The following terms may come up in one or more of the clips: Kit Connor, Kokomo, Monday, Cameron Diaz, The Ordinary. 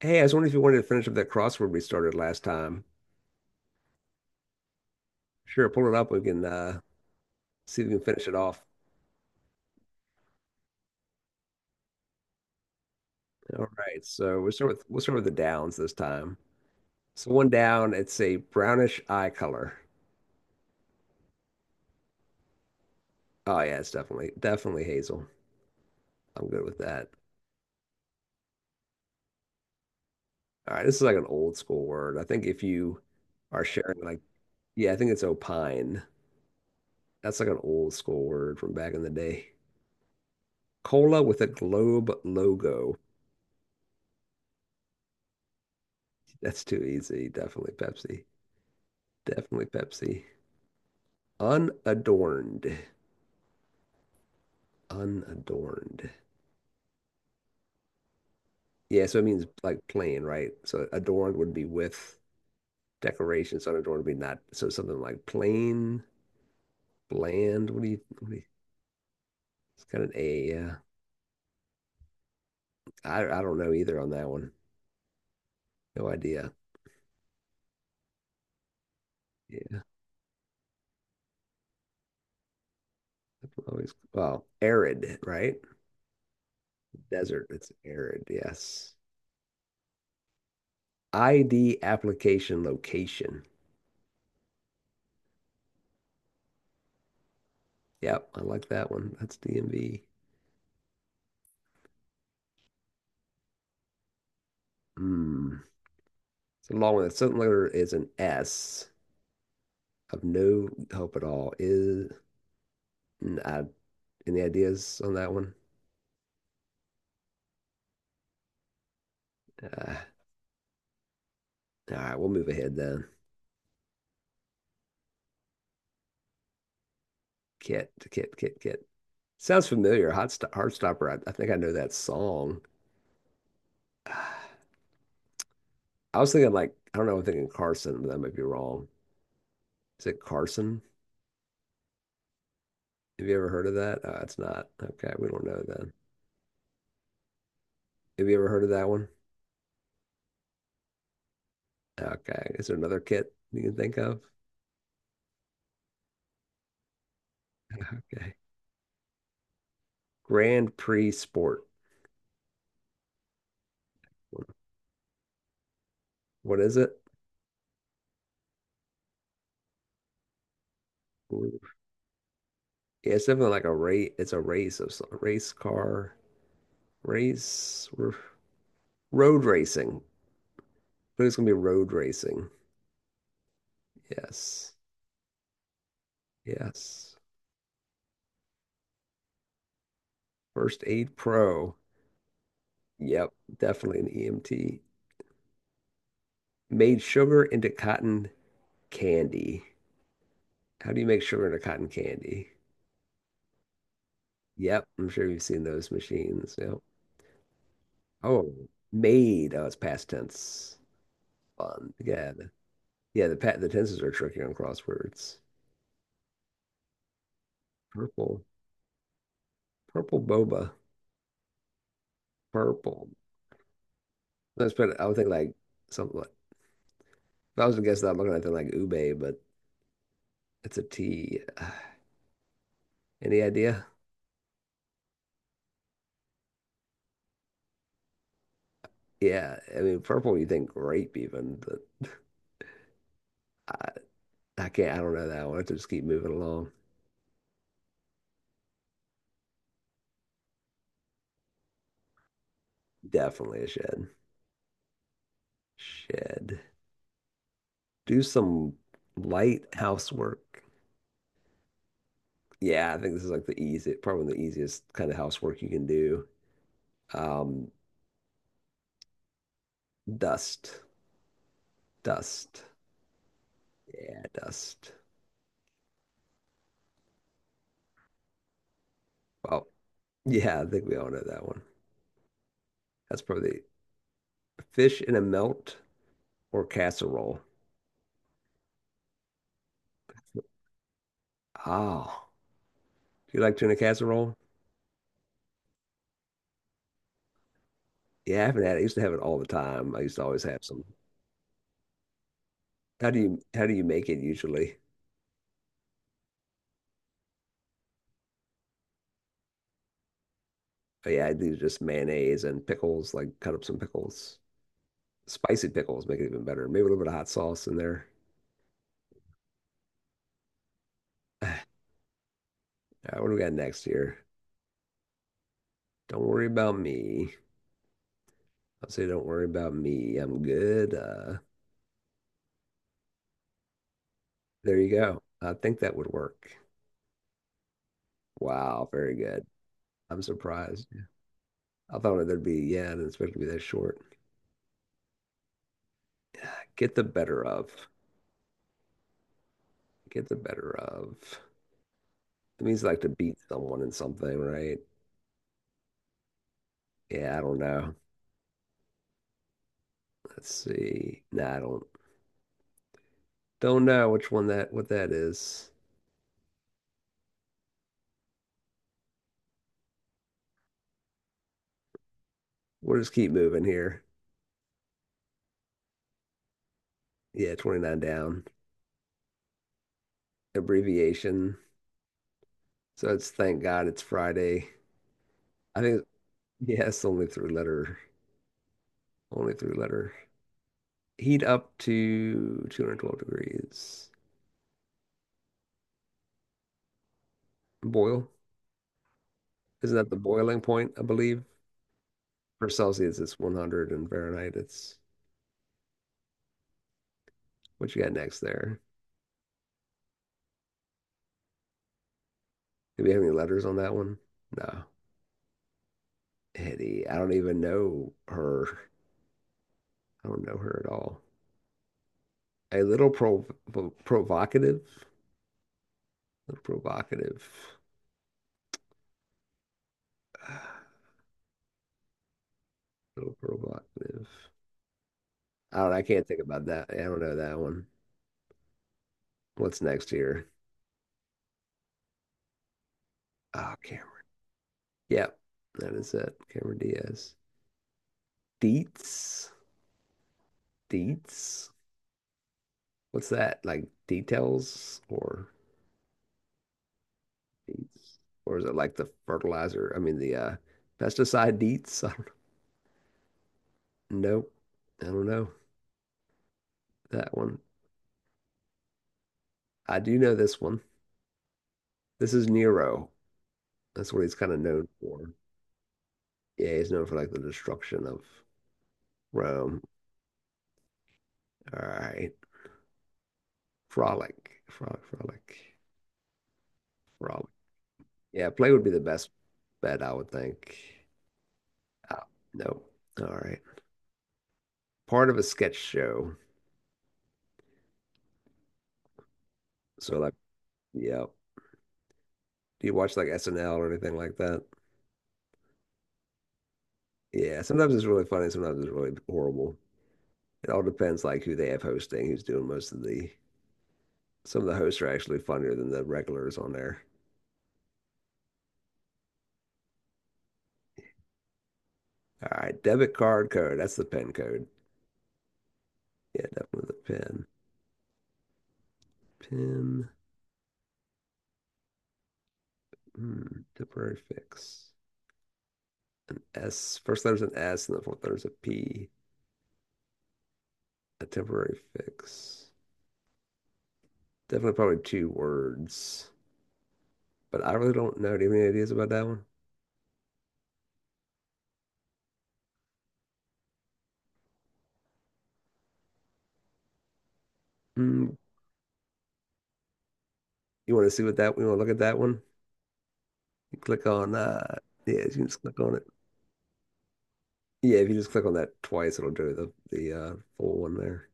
Hey, I was wondering if you wanted to finish up that crossword we started last time. Sure, pull it up. We can see if we can finish it off. All right. So we'll start with the downs this time. So one down. It's a brownish eye color. Oh yeah, it's definitely hazel. I'm good with that. All right. This is like an old school word. I think if you are sharing like yeah, I think it's opine. That's like an old school word from back in the day. Cola with a globe logo. That's too easy. Definitely Pepsi. Definitely Pepsi. Unadorned. Unadorned. Yeah, so it means like plain, right? So adorned would be with decorations. Unadorned would be not. So something like plain, bland. What do you, it's got an A. Yeah. I don't know either on that one. No idea. Yeah. Always, well, arid, right? Desert. It's arid. Yes. ID application location. Yep. I like that one. That's DMV. Hmm. It's a long one. The second letter is an S. Of no help at all. Is I any ideas on that one? Uh, all right, we'll move ahead then. Kit. Sounds familiar. Heartstopper. I think I know that song. I was thinking like I don't know. I'm thinking Carson, but that might be wrong. Is it Carson? Have you ever heard of that? It's not. Okay, we don't know then. Have you ever heard of that one? Okay. Is there another kit you can think of? Okay. Grand Prix Sport. What is it? Yeah, it's definitely like a race. It's a race of some race car race r road racing. But it's gonna be road racing. Yes, yes. First aid pro. Yep, definitely an EMT. Made sugar into cotton candy. How do you make sugar into cotton candy? Yep, I'm sure you've seen those machines. Yep. Oh, made. Oh, it's past tense. Fun. Yeah. The pa the tenses are tricky on crosswords. Purple, purple boba. Purple. That's pretty, I would think like something like, if I was to guess that, I'm looking at something like ube, but it's a T. Any idea? Yeah. I mean, purple, you think grape even, but I, I can't, I don't know that one. I have to just keep moving along. Definitely a shed. Shed. Do some light housework. Yeah, I think this is like the easy, probably the easiest kind of housework you can do. Um, dust. Dust. Yeah, dust. Well, yeah, I think we all know that one. That's probably fish in a melt or casserole? Oh, do you like tuna casserole? Yeah, I haven't had it. I used to have it all the time. I used to always have some. How do you make it usually? Oh, yeah, I do just mayonnaise and pickles, like cut up some pickles. Spicy pickles make it even better. Maybe a little bit of hot sauce in there. All right, what do we got next here? Don't worry about me. I'll say don't worry about me. I'm good. There you go. I think that would work. Wow, very good. I'm surprised. I thought there would be, yeah, I didn't expect it to be that short. Get the better of. Get the better of. It means like to beat someone in something, right? Yeah, I don't know. Let's see. Nah, I don't know which one that what that is. We'll just keep moving here. Yeah, 29 down. Abbreviation. So it's thank God it's Friday. I think yeah, it's only three letter. Only three letter. Heat up to 212 degrees. Boil. Isn't that the boiling point, I believe? For Celsius it's 100 and Fahrenheit it's what you got next there? Do we have any letters on that one? No. Hetty, I don't even know her. I don't know her at all. A little provocative. A little provocative. A little provocative. I don't know, I can't think about that. I don't know that one. What's next here? Oh, Cameron. Yep, that is it. Cameron Diaz. Deets. Deets. What's that? Like details or deets. Or is it like the fertilizer? I mean, the pesticide Deets? I don't know. Nope. I don't know that one. I do know this one. This is Nero. That's what he's kind of known for. Yeah, he's known for like the destruction of Rome. All right. Frolic. Frolic. Yeah, play would be the best bet, I would think. Oh, no. All right. Part of a sketch show. So like, yeah. Do you watch like SNL or anything like that? Yeah, sometimes it's really funny, sometimes it's really horrible. It all depends like who they have hosting, who's doing most of the some of the hosts are actually funnier than the regulars on there. All right, debit card code. That's the PIN code. Yeah, definitely the PIN. PIN. Hmm, temporary fix. S. First letter's an S and the fourth letter's a P. A temporary fix. Definitely probably two words. But I really don't know. Do you have any ideas about that one? Hmm. You want to look at that one? You click on yeah, you can just click on it. Yeah, if you just click on that twice, it'll do the full one there.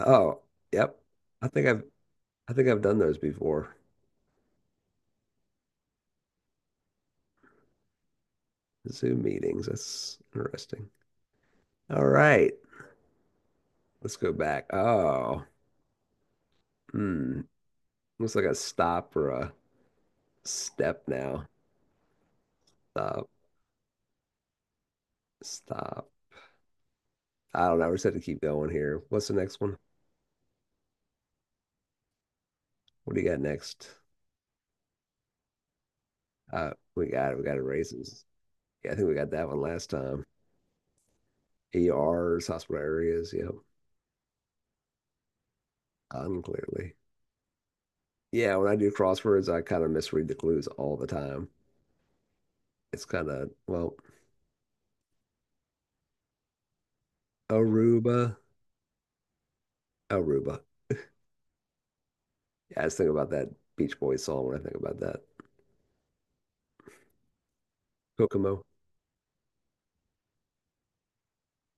Oh, yep. I think I've I think I've done those before. Zoom meetings. That's interesting. All right, let's go back. Oh, hmm. Looks like a stop or a step now. Stop, stop. I don't know. We're just have to keep going here. What's the next one? What do you got next? We got it. We got erases. Yeah, I think we got that one last time. ERs, hospital areas. Yep. Unclearly. Yeah, when I do crosswords, I kind of misread the clues all the time. It's kind of, well, Aruba, Aruba. Yeah, I just think about that Beach Boys song when I think about that. Kokomo.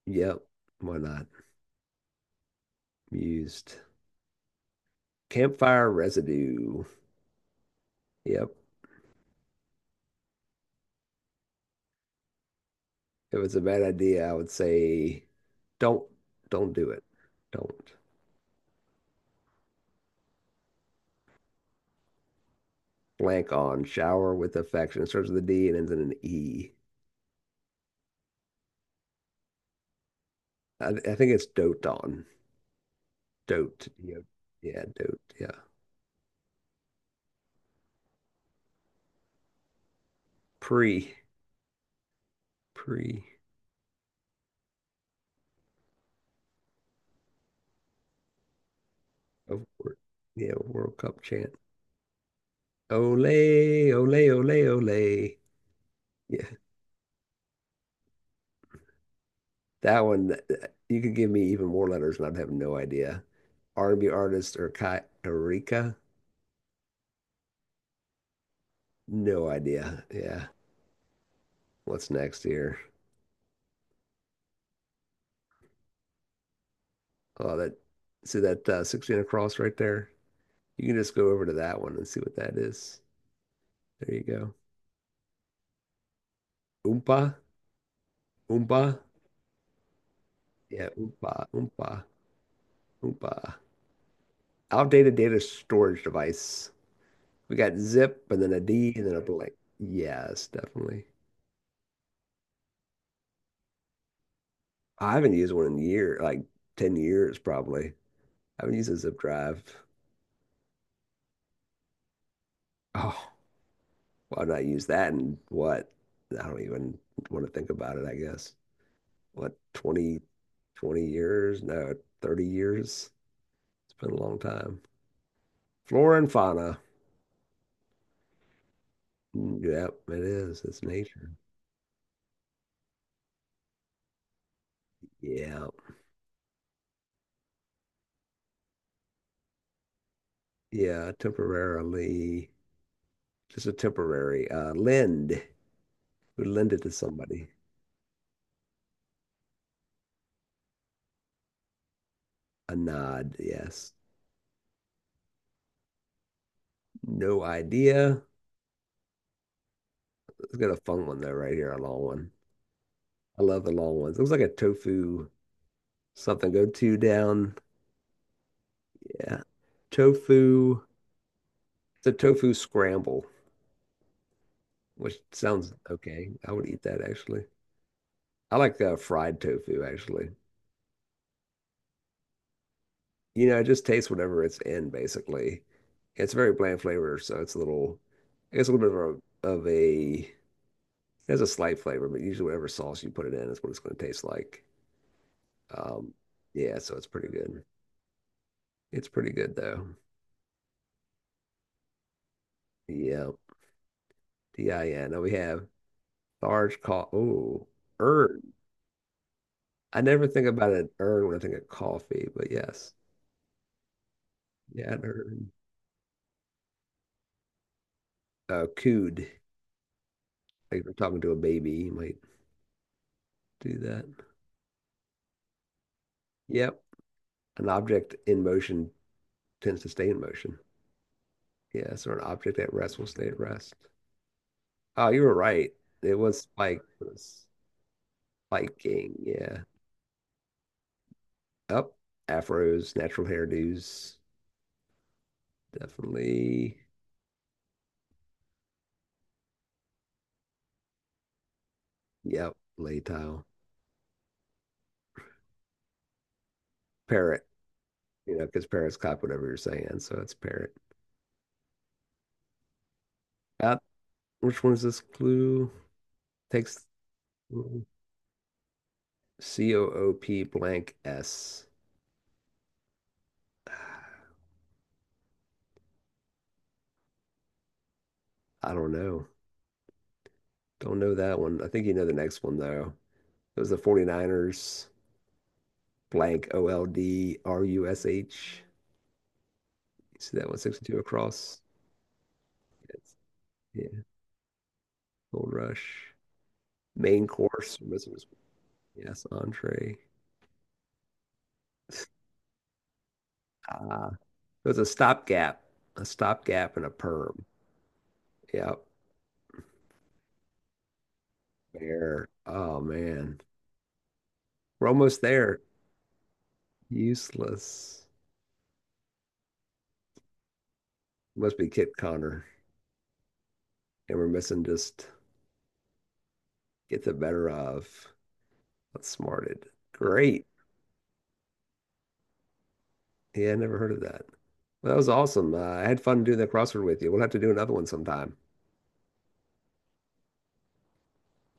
Yep. Why not? Used campfire residue. Yep. If it's a bad idea, I would say don't, don't do it. Don't. Blank on shower with affection. It starts with a D and ends in an E. I think it's dote on. Dote. Yep. Yeah, dote. Yeah. Pre. Pre. Of course. Yeah, World Cup chant. Ole, ole, ole, ole. Yeah, that one. You could give me even more letters, and I'd have no idea. R&B artist or Kai Erika? No idea. Yeah. What's next here? Oh, that. See that 16 across right there? You can just go over to that one and see what that is. There you go. Oompa, oompa. Yeah, oompa, oompa. Outdated data storage device. We got zip and then a D and then a blank. Yes, definitely. I haven't used one in year, like 10 years probably. I haven't used a zip drive. Oh, why not use that and what? I don't even want to think about it, I guess. What, 20 years? No, 30 years. It's been a long time. Flora and fauna. Mm, yep, it is. It's nature. Yeah. Yeah, temporarily. Just a temporary lend. We lend it to somebody. A nod, yes. No idea. Let's get a fun one though, right here, a long one. I love the long ones. It looks like a tofu something. Go two down. Yeah. Tofu. It's a tofu scramble, which sounds okay. I would eat that actually. I like fried tofu actually. You know, it just tastes whatever it's in basically. It's very bland flavor, so it's a little, I guess a little bit of a, of a, it has a slight flavor, but usually whatever sauce you put it in is what it's going to taste like. Um, yeah, so it's pretty good. It's pretty good though. Yeah, DIN. Now we have large coffee. Oh, urn. I never think about an urn when I think of coffee, but yes, yeah, an urn. Cood. Like if you're talking to a baby, you might do that. Yep, an object in motion tends to stay in motion. Yeah, so an object at rest will stay at rest. Oh, you were right. It was spike. It was spiking. Yeah. Up. Afros, natural hairdos. Definitely. Yep. Lay tile. Parrot. You know, because parrots cop whatever you're saying. So it's parrot. Uh, which one is this clue? Takes COOP blank S. I don't know. Don't know that one. I think you know the next one, though. It was the 49ers blank OLD RUSH. You see that one, 62 across? Yes. Yeah. Gold Rush. Main course. Yes, entree. Ah, it was a stopgap and a perm. Yep. There. Oh man. We're almost there. Useless. Must be Kit Connor. And we're missing just get the better of. That's smarted. Great. Yeah, I never heard of that. Well, that was awesome. I had fun doing that crossword with you. We'll have to do another one sometime.